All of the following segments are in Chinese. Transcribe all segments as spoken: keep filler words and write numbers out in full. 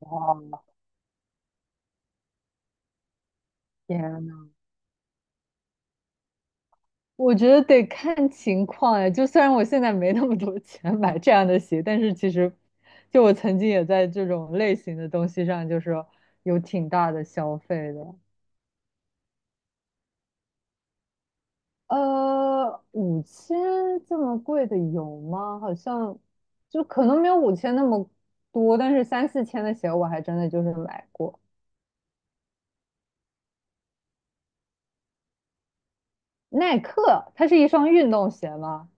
哦，天呐，我觉得得看情况哎，就虽然我现在没那么多钱买这样的鞋，但是其实，就我曾经也在这种类型的东西上，就是有挺大的消费的。呃，五千这么贵的有吗？好像就可能没有五千那么多，但是三四千的鞋我还真的就是买过。耐克，它是一双运动鞋吗？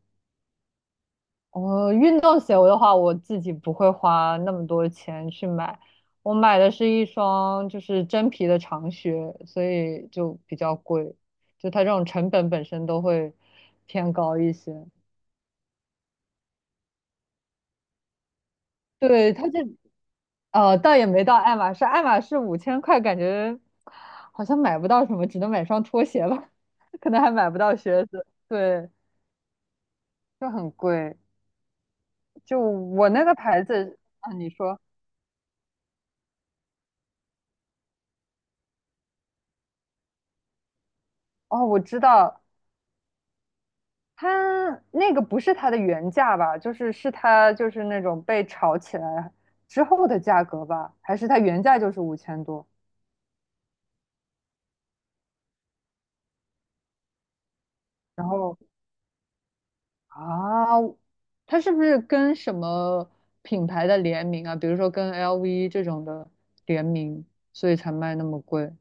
哦，运动鞋的话，我自己不会花那么多钱去买，我买的是一双就是真皮的长靴，所以就比较贵，就它这种成本本身都会偏高一些。对，它这呃，倒也没到爱马仕，爱马仕五千块，感觉好像买不到什么，只能买双拖鞋吧，可能还买不到靴子，对，就很贵。就我那个牌子，啊，你说，哦，我知道，它那个不是它的原价吧？就是是它就是那种被炒起来之后的价格吧？还是它原价就是五千多？然后啊，它是不是跟什么品牌的联名啊？比如说跟 L V 这种的联名，所以才卖那么贵？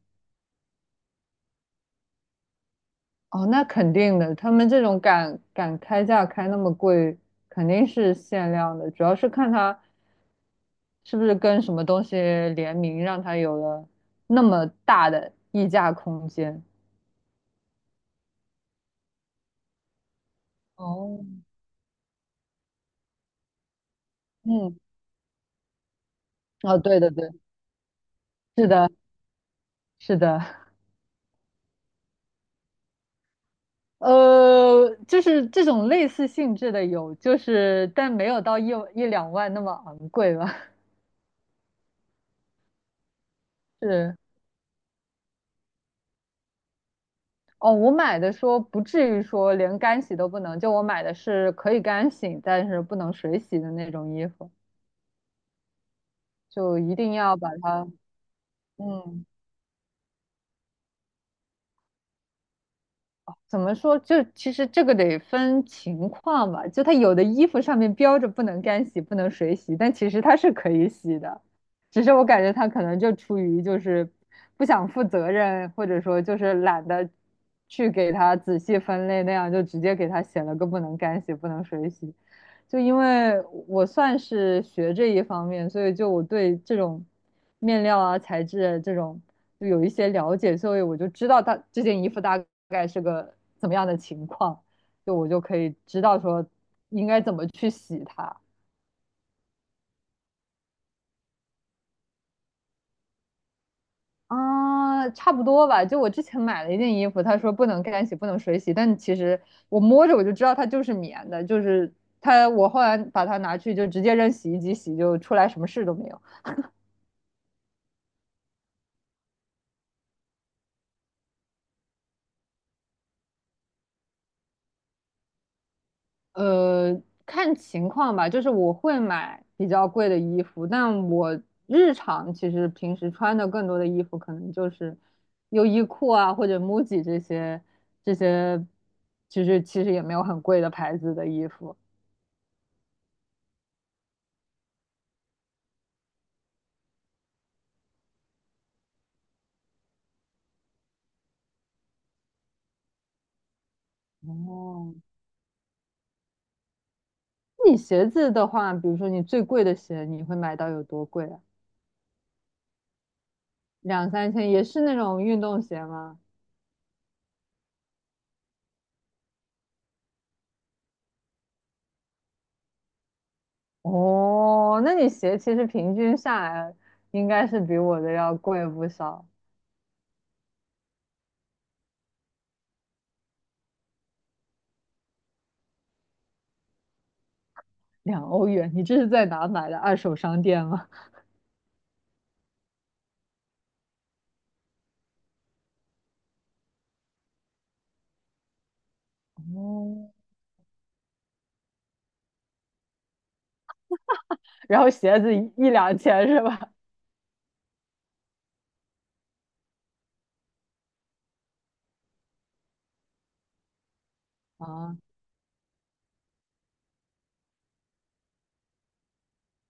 哦，那肯定的，他们这种敢敢开价开那么贵，肯定是限量的，主要是看它是不是跟什么东西联名，让它有了那么大的溢价空间。哦，嗯，哦，对对对，是的，是的，呃，就是这种类似性质的有，就是但没有到一一两万那么昂贵吧，是。哦，我买的说不至于说连干洗都不能，就我买的是可以干洗，但是不能水洗的那种衣服，就一定要把它，嗯，怎么说？就其实这个得分情况吧，就它有的衣服上面标着不能干洗、不能水洗，但其实它是可以洗的，只是我感觉它可能就出于就是不想负责任，或者说就是懒得去给它仔细分类，那样就直接给它写了个不能干洗、不能水洗。就因为我算是学这一方面，所以就我对这种面料啊、材质啊这种就有一些了解，所以我就知道它这件衣服大概是个怎么样的情况，就我就可以知道说应该怎么去洗它。啊，差不多吧。就我之前买了一件衣服，他说不能干洗，不能水洗，但其实我摸着我就知道它就是棉的，就是它。我后来把它拿去就直接扔洗衣机洗，就出来什么事都没有。呃，看情况吧，就是我会买比较贵的衣服，但我日常其实平时穿的更多的衣服可能就是优衣库啊或者 M U J I 这些这些，其实其实也没有很贵的牌子的衣服。哦，你鞋子的话，比如说你最贵的鞋，你会买到有多贵啊？两三千，也是那种运动鞋吗？哦，那你鞋其实平均下来应该是比我的要贵不少。两欧元，你这是在哪买的二手商店吗？哦，然后鞋子一一两千是吧？啊，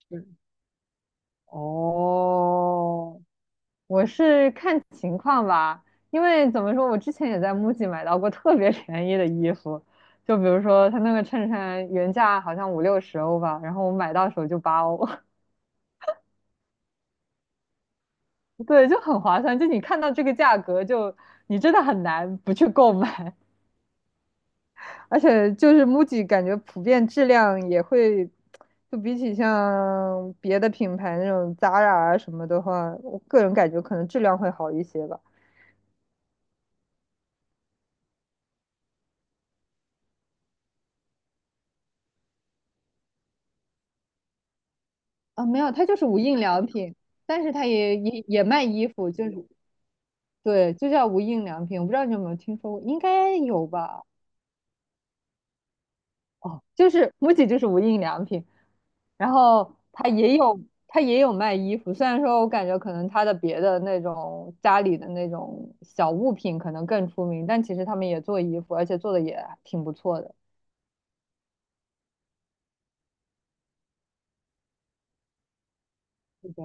是哦，我是看情况吧，因为怎么说，我之前也在 M U J I 买到过特别便宜的衣服，就比如说他那个衬衫原价好像五六十欧吧，然后我买到手就八欧，对，就很划算。就你看到这个价格就，就你真的很难不去购买。而且就是 M U J I 感觉普遍质量也会，就比起像别的品牌那种 Zara 啊什么的话，我个人感觉可能质量会好一些吧。啊，没有，它就是无印良品，但是它也也也卖衣服，就是对，就叫无印良品。我不知道你有没有听说过，应该有吧？哦，就是 M U J I 就是无印良品，然后他也有他也有卖衣服，虽然说我感觉可能他的别的那种家里的那种小物品可能更出名，但其实他们也做衣服，而且做的也挺不错的。这个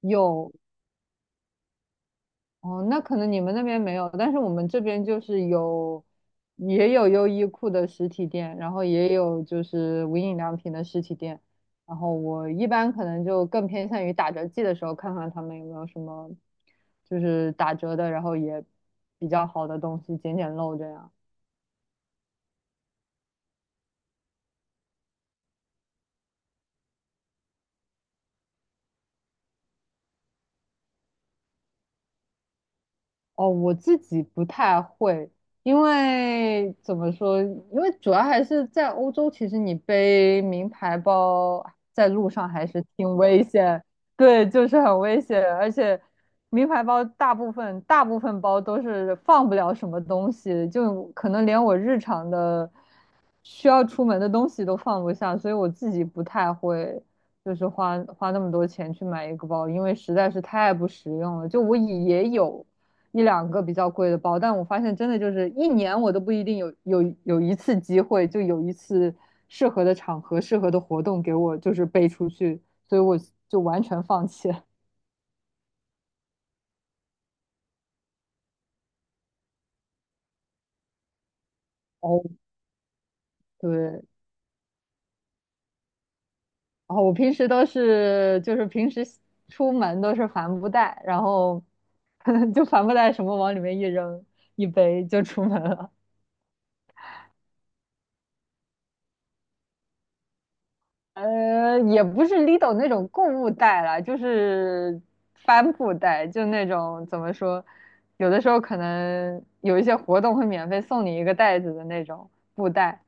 有哦，那可能你们那边没有，但是我们这边就是有，也有优衣库的实体店，然后也有就是无印良品的实体店，然后我一般可能就更偏向于打折季的时候看看他们有没有什么就是打折的，然后也比较好的东西，捡捡漏这样。哦，我自己不太会，因为怎么说？因为主要还是在欧洲，其实你背名牌包在路上还是挺危险，对，就是很危险。而且名牌包大部分大部分包都是放不了什么东西，就可能连我日常的需要出门的东西都放不下，所以我自己不太会。就是花花那么多钱去买一个包，因为实在是太不实用了。就我也有。一两个比较贵的包，但我发现真的就是一年我都不一定有有有一次机会，就有一次适合的场合、适合的活动给我就是背出去，所以我就完全放弃了。哦，对，然后我平时都是就是平时出门都是帆布袋，然后 就帆布袋什么往里面一扔，一背就出门了。呃，也不是 Lido 那种购物袋啦，就是帆布袋，就那种怎么说，有的时候可能有一些活动会免费送你一个袋子的那种布袋。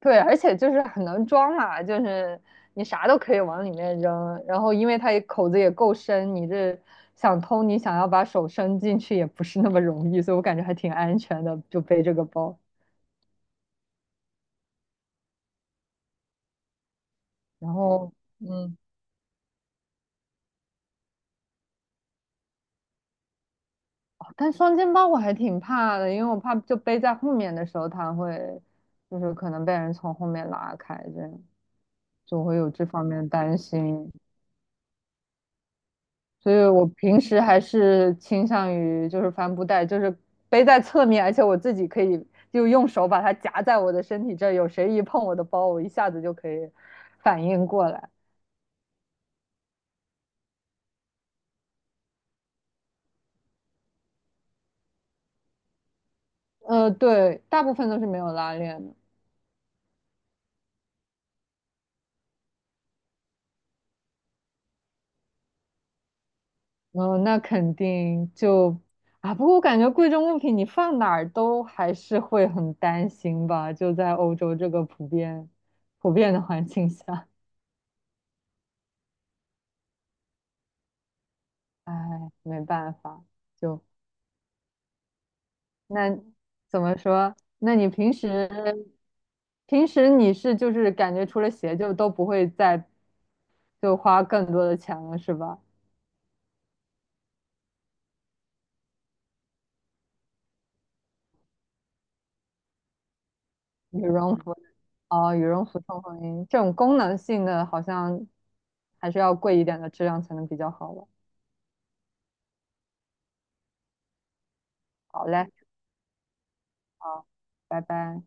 对，而且就是很能装嘛，就是你啥都可以往里面扔，然后因为它也口子也够深，你这想偷你想要把手伸进去也不是那么容易，所以我感觉还挺安全的，就背这个包。然后，嗯。哦，但双肩包我还挺怕的，因为我怕就背在后面的时候，它会就是可能被人从后面拉开，这样就会有这方面的担心。所以我平时还是倾向于就是帆布袋，就是背在侧面，而且我自己可以就用手把它夹在我的身体这儿，有谁一碰我的包，我一下子就可以反应过来。呃，对，大部分都是没有拉链的。哦，那肯定就啊，不过我感觉贵重物品你放哪儿都还是会很担心吧，就在欧洲这个普遍普遍的环境下，唉，没办法，就那怎么说？那你平时平时你是就是感觉除了鞋就都不会再就花更多的钱了是吧？羽绒服哦，羽绒服、冲锋衣这种功能性的好像还是要贵一点的质量才能比较好吧。好嘞。好，拜拜。